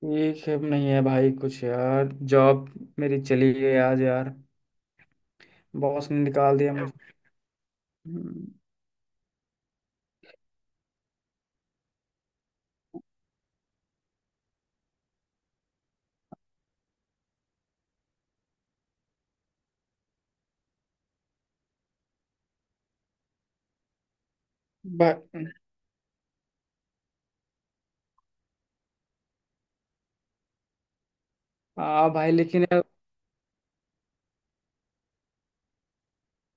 ठीक है नहीं है भाई कुछ यार जॉब मेरी चली गई आज यार। बॉस ने निकाल दिया मुझे। बा- हाँ भाई लेकिन यार।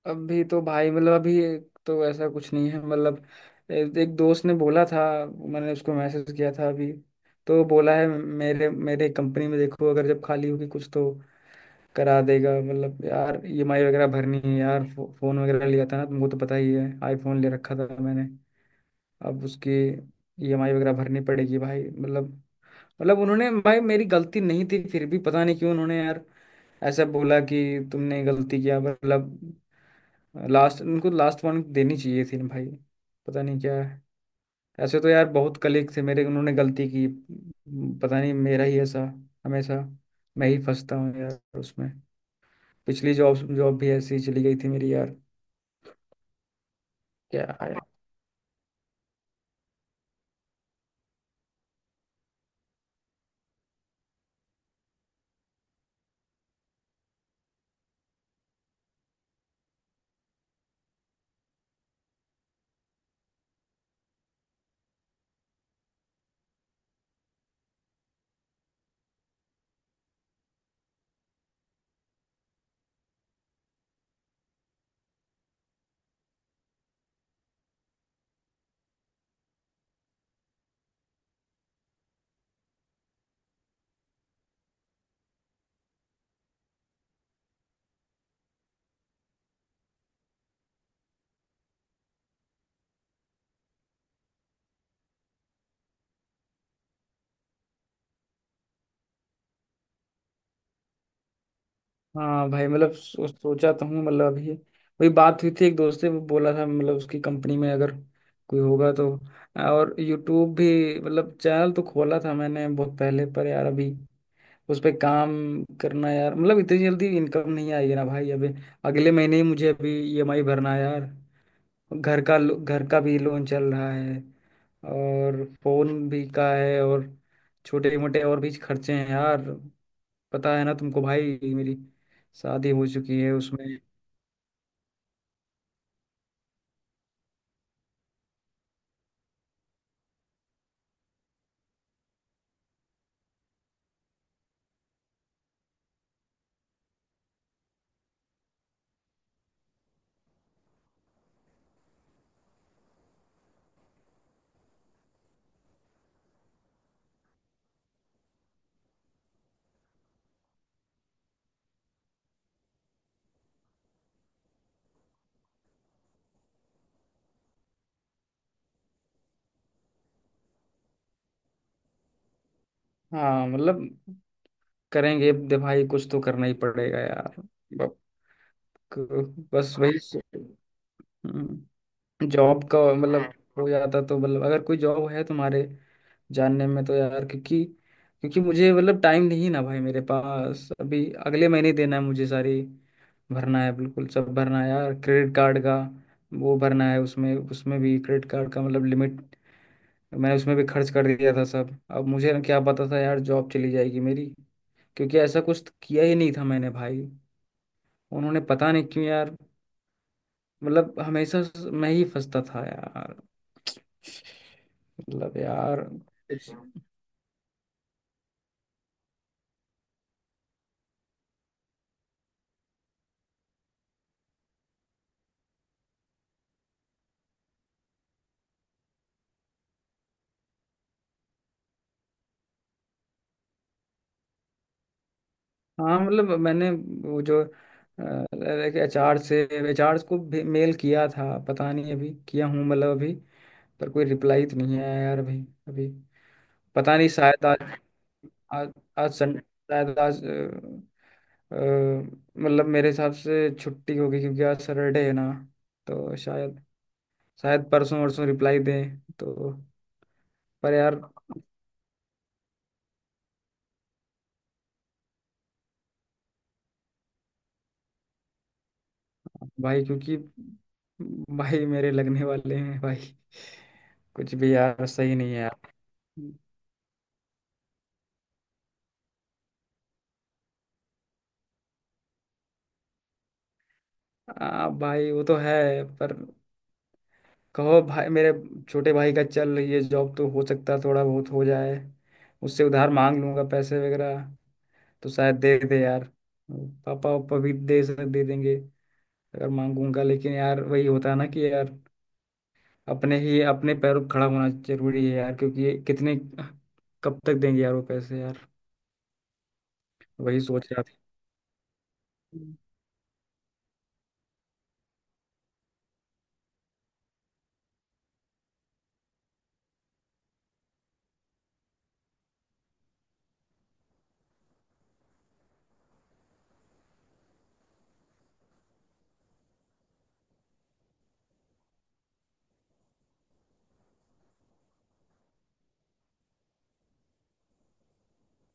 अभी तो भाई मतलब अभी तो ऐसा कुछ नहीं है मतलब। एक दोस्त ने बोला था। मैंने उसको मैसेज किया था अभी। तो बोला है मेरे मेरे कंपनी में देखो अगर जब खाली होगी कुछ तो करा देगा। मतलब यार ईएमआई वगैरह भरनी है यार। फोन वगैरह लिया था ना तुमको तो पता ही है। आईफोन ले रखा था मैंने। अब उसकी ईएमआई वगैरह भरनी पड़ेगी भाई मतलब। मतलब उन्होंने भाई मेरी गलती नहीं थी फिर भी पता नहीं क्यों उन्होंने यार ऐसा बोला कि तुमने गलती किया मतलब। लास्ट उनको लास्ट वार्निंग देनी चाहिए थी ना भाई। पता नहीं क्या है। ऐसे तो यार बहुत कलीग थे मेरे उन्होंने गलती की। पता नहीं मेरा ही ऐसा हमेशा मैं ही फंसता हूँ यार उसमें। पिछली जॉब जॉब भी ऐसी ही चली गई थी मेरी यार। क्या। हाँ भाई मतलब सोचा तो हूँ मतलब अभी वही बात हुई थी एक दोस्त से वो बोला था मतलब उसकी कंपनी में अगर कोई होगा तो। और यूट्यूब भी मतलब चैनल तो खोला था मैंने बहुत पहले पर यार अभी उस पे काम करना यार मतलब इतनी जल्दी इनकम नहीं आएगी ना भाई। अभी अगले महीने ही मुझे अभी ईएमआई भरना है यार। घर का भी लोन चल रहा है। और फोन भी का है। और छोटे मोटे और भी खर्चे हैं यार। पता है ना तुमको भाई मेरी शादी हो चुकी है उसमें। हाँ मतलब करेंगे। दे भाई कुछ तो करना ही पड़ेगा यार। बक- बस वही सो- हम्म, जॉब का मतलब हो जाता तो मतलब अगर कोई जॉब है तुम्हारे जानने में तो यार। क्योंकि क्योंकि मुझे मतलब टाइम नहीं ना भाई मेरे पास। अभी अगले महीने देना है मुझे सारी भरना है बिल्कुल सब भरना है यार क्रेडिट कार्ड का। वो भरना है उसमें उसमें भी क्रेडिट कार्ड का मतलब लिमिट। मैंने उसमें भी खर्च कर दिया था सब। अब मुझे ना क्या पता था यार जॉब चली जाएगी मेरी। क्योंकि ऐसा कुछ तो किया ही नहीं था मैंने भाई। उन्होंने पता नहीं क्यों यार मतलब हमेशा मैं ही फंसता था यार मतलब यार कुछ। हाँ मतलब मैंने वो जो एचआर से एचआर को भी मेल किया था। पता नहीं अभी किया हूँ मतलब अभी। पर कोई रिप्लाई तो नहीं आया यार अभी अभी। पता नहीं शायद आज। आज आज सन शायद आज। मतलब मेरे हिसाब से छुट्टी होगी क्योंकि आज सैटरडे है ना। तो शायद शायद परसों वरसों रिप्लाई दें तो। पर यार। भाई क्योंकि भाई मेरे लगने वाले हैं भाई। कुछ भी यार सही नहीं है यार। भाई वो तो है पर कहो भाई मेरे छोटे भाई का चल रही है जॉब तो हो सकता है थोड़ा बहुत हो जाए। उससे उधार मांग लूंगा पैसे वगैरह। तो शायद दे दे यार। पापा वापा भी दे देंगे अगर मांगूंगा लेकिन यार वही होता है ना कि यार अपने ही अपने पैरों पर खड़ा होना जरूरी है यार। क्योंकि ये कितने कब तक देंगे यार वो पैसे यार। वही सोच रहा था।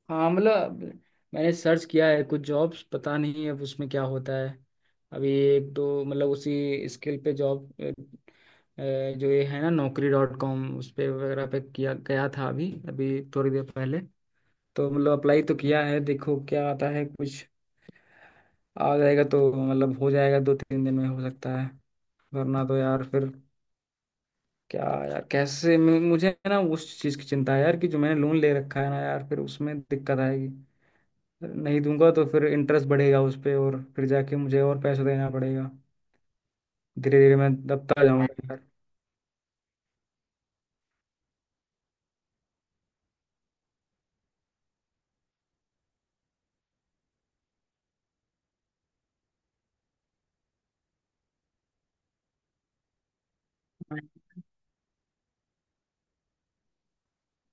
हाँ मतलब मैंने सर्च किया है कुछ जॉब्स। पता नहीं अब उसमें क्या होता है। अभी एक दो मतलब उसी स्किल पे जॉब जो ये है ना naukri.com उस पे वगैरह पे किया गया था अभी अभी थोड़ी देर पहले। तो मतलब अप्लाई तो किया है देखो क्या आता है कुछ। आ जाएगा तो मतलब हो जाएगा दो तीन दिन में हो सकता है। वरना तो यार फिर क्या यार कैसे मुझे ना उस चीज़ की चिंता है यार कि जो मैंने लोन ले रखा है ना यार फिर उसमें दिक्कत आएगी। नहीं दूंगा तो फिर इंटरेस्ट बढ़ेगा उस पे और फिर जाके मुझे और पैसा देना पड़ेगा। धीरे धीरे मैं दबता जाऊंगा यार।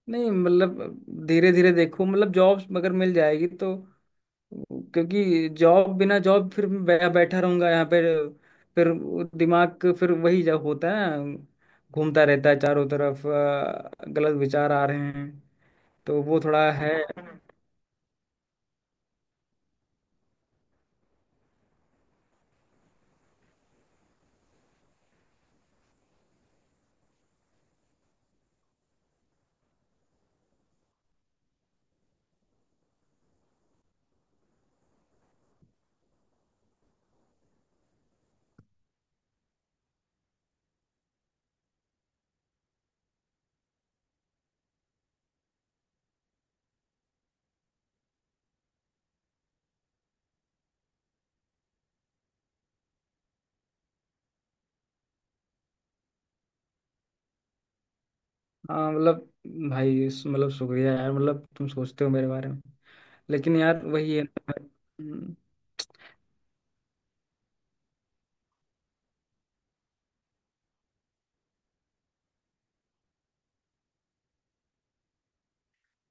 नहीं मतलब धीरे धीरे देखो मतलब जॉब्स अगर मिल जाएगी तो। क्योंकि जॉब बिना जॉब फिर बैठा रहूंगा यहाँ पे। फिर वो दिमाग का फिर वही जब होता है ना, घूमता रहता है चारों तरफ गलत विचार आ रहे हैं। तो वो थोड़ा है। हाँ मतलब भाई मतलब शुक्रिया यार मतलब तुम सोचते हो मेरे बारे में। लेकिन यार वही है ना भाई। हम्म।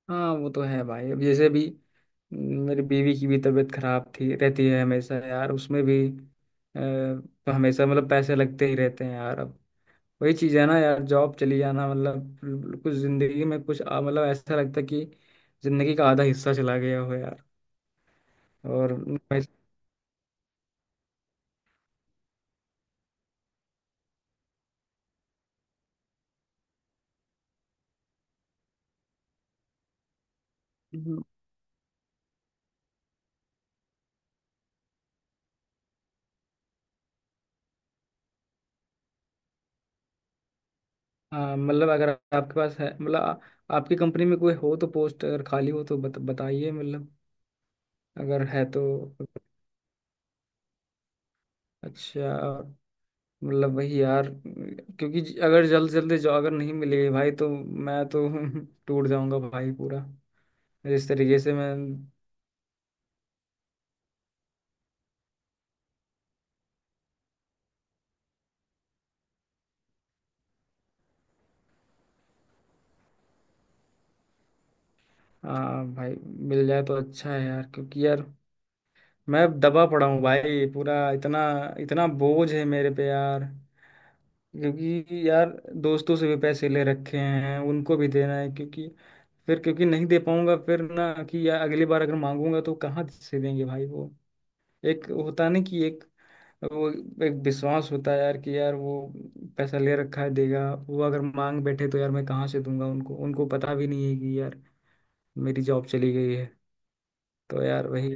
हाँ वो तो है भाई अब जैसे भी। मेरी बीवी की भी तबीयत खराब थी रहती है हमेशा यार उसमें भी। तो हमेशा मतलब पैसे लगते ही रहते हैं यार अब। वही चीज है ना यार जॉब चली जाना मतलब कुछ जिंदगी में कुछ मतलब ऐसा लगता है कि जिंदगी का आधा हिस्सा चला गया हो यार। और वैसे- हम्म। हाँ, मतलब अगर आपके पास है मतलब आपकी कंपनी में कोई हो तो पोस्ट अगर खाली हो तो बताइए मतलब। अगर है तो। अच्छा। मतलब वही यार। क्योंकि अगर जल्दी जॉब अगर नहीं मिलेगी भाई तो मैं तो टूट जाऊंगा भाई पूरा। जिस तरीके से मैं। हाँ भाई मिल जाए तो अच्छा है यार। क्योंकि यार मैं दबा पड़ा हूँ भाई पूरा। इतना इतना बोझ है मेरे पे यार। क्योंकि यार दोस्तों से भी पैसे ले रखे हैं उनको भी देना है। क्योंकि फिर क्योंकि नहीं दे पाऊंगा फिर ना कि यार अगली बार अगर मांगूंगा तो कहाँ से देंगे भाई वो। एक होता नहीं कि एक वो एक विश्वास होता है यार कि यार वो पैसा ले रखा है देगा। वो अगर मांग बैठे तो यार मैं कहाँ से दूंगा उनको। उनको पता भी नहीं है कि यार मेरी जॉब चली गई है। तो यार वही।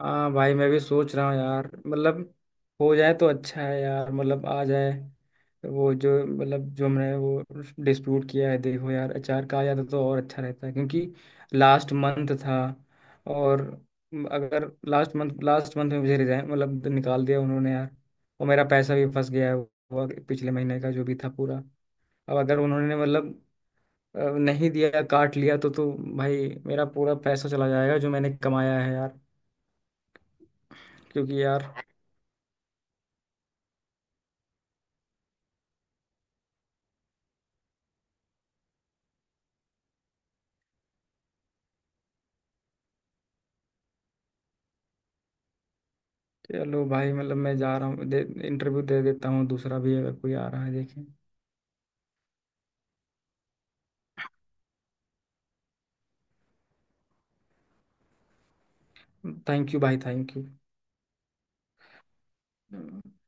हाँ भाई मैं भी सोच रहा हूँ यार मतलब हो जाए तो अच्छा है यार मतलब आ जाए। वो जो मतलब जो हमने वो डिस्प्यूट किया है देखो यार अचार का आ जाता तो और अच्छा रहता है। क्योंकि लास्ट मंथ था। और अगर लास्ट मंथ में मुझे रिजाइन मतलब निकाल दिया उन्होंने यार। और मेरा पैसा भी फंस गया है वो पिछले महीने का जो भी था पूरा। अब अगर उन्होंने मतलब नहीं दिया काट लिया तो भाई मेरा पूरा पैसा चला जाएगा जो मैंने कमाया है यार। क्योंकि यार। चलो भाई मतलब मैं जा रहा हूँ। दे इंटरव्यू दे देता हूँ दूसरा भी अगर कोई आ रहा है देखें। थैंक यू भाई थैंक यू।